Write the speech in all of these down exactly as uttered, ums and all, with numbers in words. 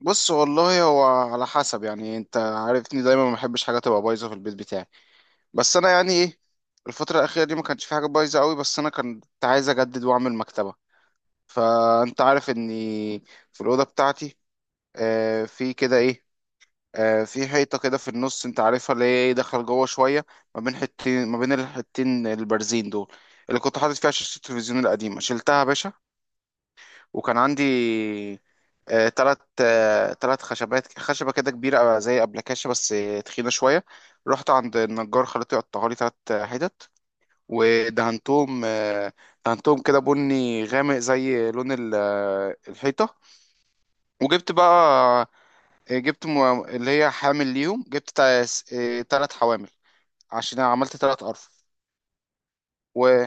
بص، والله هو على حسب، يعني انت عارفني دايما ما بحبش حاجه تبقى بايظه في البيت بتاعي. بس انا يعني ايه، الفتره الاخيره دي ما كانش في حاجه بايظه قوي، بس انا كنت عايز اجدد واعمل مكتبه. فانت عارف اني في الاوضه بتاعتي، آه في كده ايه، آه في حيطه كده في النص، انت عارفها، اللي هي ايه، دخل جوه شويه ما بين حتتين، ما بين الحتتين البارزين دول، اللي كنت حاطط فيها شاشه التلفزيون القديمه، شلتها يا باشا. وكان عندي آه، تلات آه، تلات خشبات خشبة كده كبيرة زي أبلكاشة، بس آه، تخينة شوية. رحت عند النجار خليته يقطعها لي تلات آه، حتت. ودهنتهم آه، دهنتهم كده بني غامق زي لون ال- آه، الحيطة. وجبت بقى، آه، جبت م- اللي هي حامل ليهم، جبت تا- س- آه، تلات حوامل، عشان أنا عملت تلات أرفف. و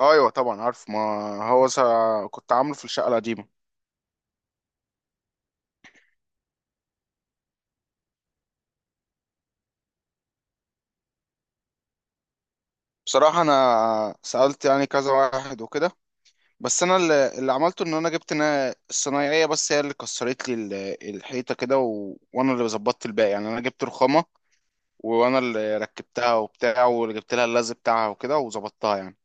أيوة طبعا عارف، ما هو س- كنت عامله في الشقة القديمة. بصراحة أنا سألت يعني كذا واحد وكده، بس أنا اللي, اللي عملته إن أنا جبت، أنا الصنايعية بس هي اللي كسرت لي ال- الحيطة كده، و... وأنا اللي ظبطت الباقي يعني، أنا جبت رخامة وأنا اللي ركبتها وبتاع، وجبت لها اللزق بتاعها وكده وظبطتها يعني.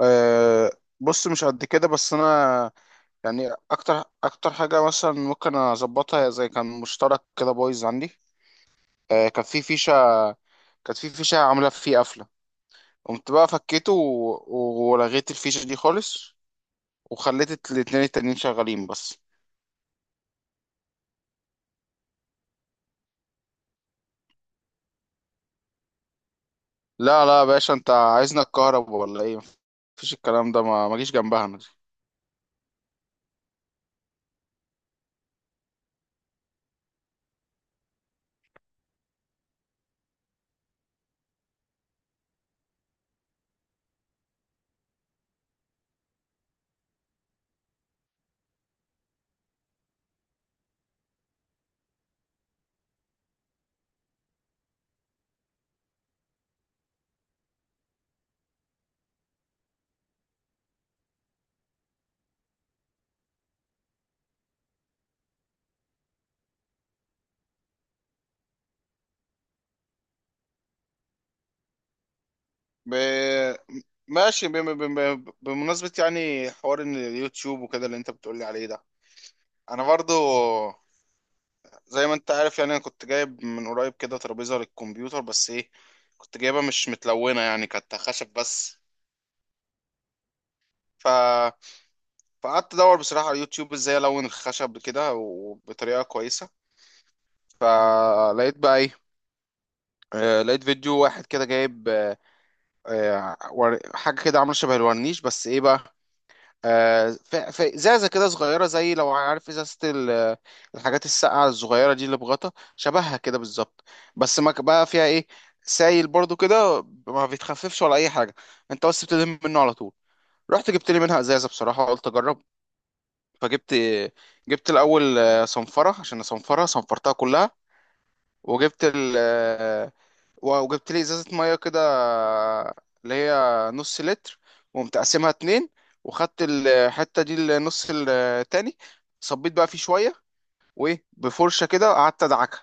أه. بص، مش قد كده، بس أنا يعني أكتر أكتر حاجة مثلا ممكن أظبطها، هي زي كان مشترك كده بايظ عندي. أه، كان في فيشة كانت في فيشة عاملة فيه قفلة، قمت بقى فكيته و... و- ولغيت الفيشة دي خالص، وخليت الاتنين التانيين شغالين بس. لا لا يا باشا، انت عايزنا الكهرب ولا ايه؟ مفيش الكلام ده، ما ما جيش جنبها انا دي. ب... ماشي، ب... ب... ب... بمناسبة يعني حوار ان اليوتيوب وكده اللي انت بتقولي عليه ده، انا برضو زي ما انت عارف يعني، انا كنت جايب من قريب كده ترابيزة للكمبيوتر، بس ايه، كنت جايبها مش متلونة يعني، كانت خشب بس. فقعدت ادور بصراحه على اليوتيوب ازاي الون الخشب كده وبطريقه كويسه، فلقيت بقى ايه، آه، لقيت فيديو واحد كده جايب آه، آه، ور- حاجه كده عامله شبه الورنيش، بس ايه بقى، آه، ف- ف- ازازه كده صغيره، زي لو عارف ازازه ال- الحاجات الساقعه الصغيره دي اللي بغطا شبهها كده بالظبط، بس ما ك- بقى فيها ايه، سايل برضو كده ما بيتخففش ولا اي حاجه، انت بس بتلم منه على طول. رحت جبت لي منها ازازه، بصراحه قلت اجرب، فجبت، جبت الاول آه، صنفره عشان اصنفرها، صنفرتها كلها. وجبت ال آه، وجبت لي ازازه ميه كده آه، اللي هي نص لتر، وقمت قاسمها اتنين، وخدت الحته دي النص التاني، صبيت بقى فيه شويه، وايه بفرشه كده قعدت ادعكها،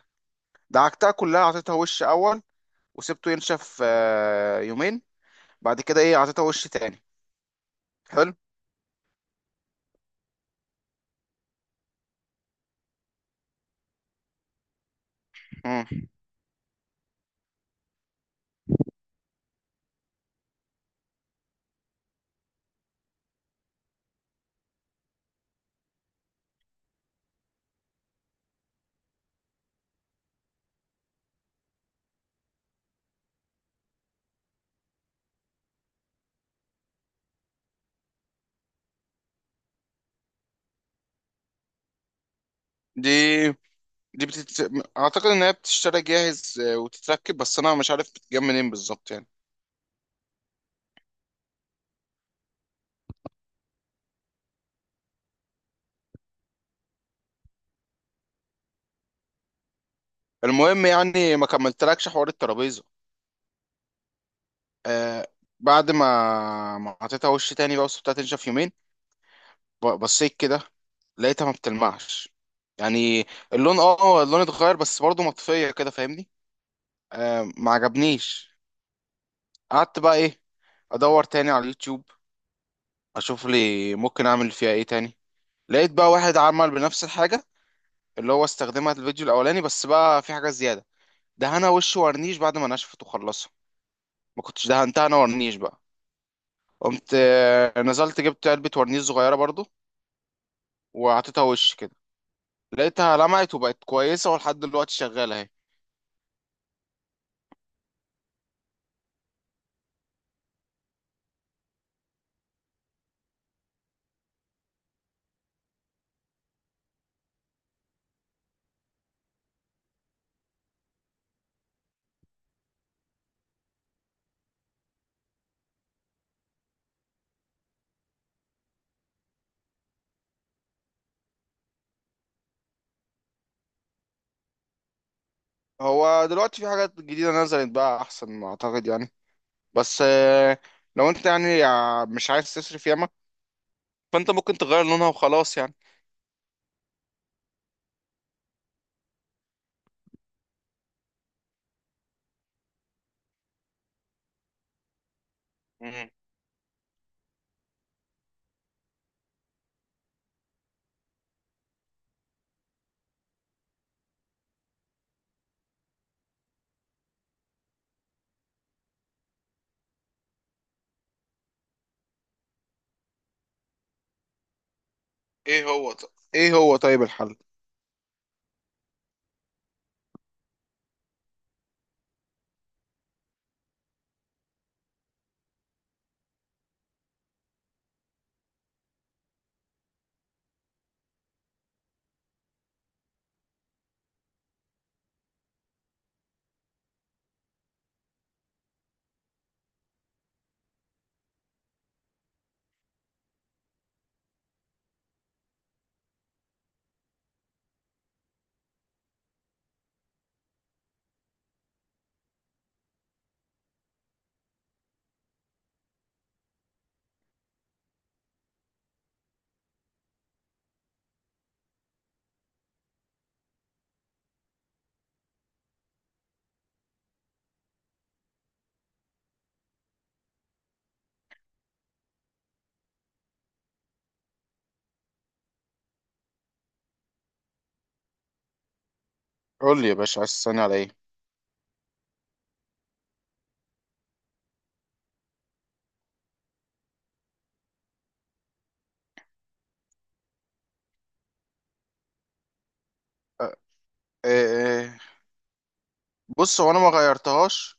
دعكتها كلها، اعطيتها وش اول، وسبته ينشف آه، يومين، بعد كده ايه اعطيتها وش تاني، حلو. مم. دي دي بتت... اعتقد ان هي بتشتري جاهز آه، وتتركب، بس انا مش عارف بتتجاب منين بالظبط يعني. المهم يعني ما كملتلكش حوار الترابيزه. آه بعد ما ما حطيتها وش تاني بقى، وسبتها تنشف يومين، ب- بصيت كده لقيتها ما بتلمعش يعني، اللون اه آه، اللون اتغير، بس برضه مطفيه كده فاهمني. آه ما عجبنيش. قعدت بقى ايه، ادور تاني على اليوتيوب، اشوف لي ممكن اعمل فيها ايه تاني، لقيت بقى واحد عمل بنفس الحاجه، اللي هو استخدمها في الفيديو الاولاني، بس بقى في حاجه زياده، دهنها وش ورنيش بعد ما نشفت وخلصها، ما كنتش دهنتها انا ورنيش بقى. قمت آه، نزلت جبت علبة ورنيش صغيرة برضو، وحطيتها وش كده، لقيتها لمعت وبقت كويسة ولحد دلوقتي شغالة اهي. هو دلوقتي في حاجات جديدة نزلت بقى أحسن ما أعتقد يعني، بس آه، لو أنت يعني آه، مش عايز تصرف ياما، فأنت ممكن تغير لونها وخلاص يعني. مم. ايه هو طيب ايه هو طيب الحل؟ قول لي يا باشا عايز تسألني على ايه؟ آه، آه، آه، بص هو انا ما غيرتهاش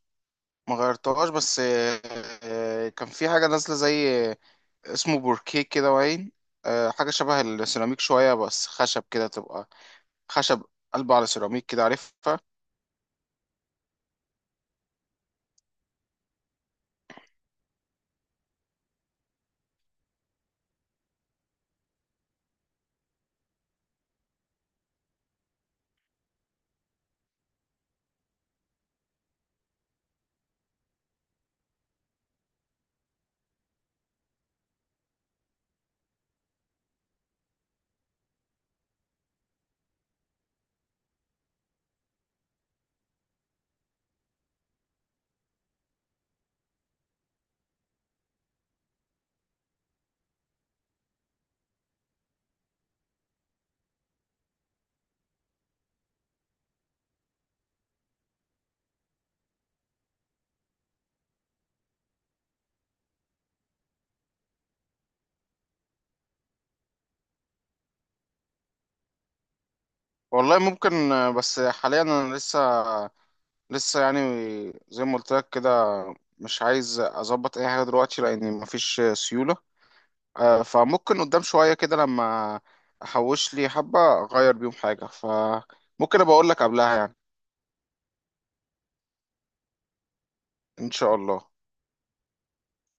ما غيرتهاش بس آه، آه، كان في حاجة نازلة زي، آه، اسمه بوركيه كده وعين، آه، حاجة شبه السيراميك شوية بس خشب كده تبقى خشب قلب على سيراميك كده عارفها. والله ممكن، آه، بس حاليا أنا لسه لسه يعني، زي ما قلت لك كده، مش عايز أظبط أي حاجة دلوقتي لأن مفيش سيولة. آه، فممكن قدام شوية كده، لما أحوش لي حبة أغير بيهم حاجة، فممكن أبقى أقول لك قبلها يعني، إن شاء الله.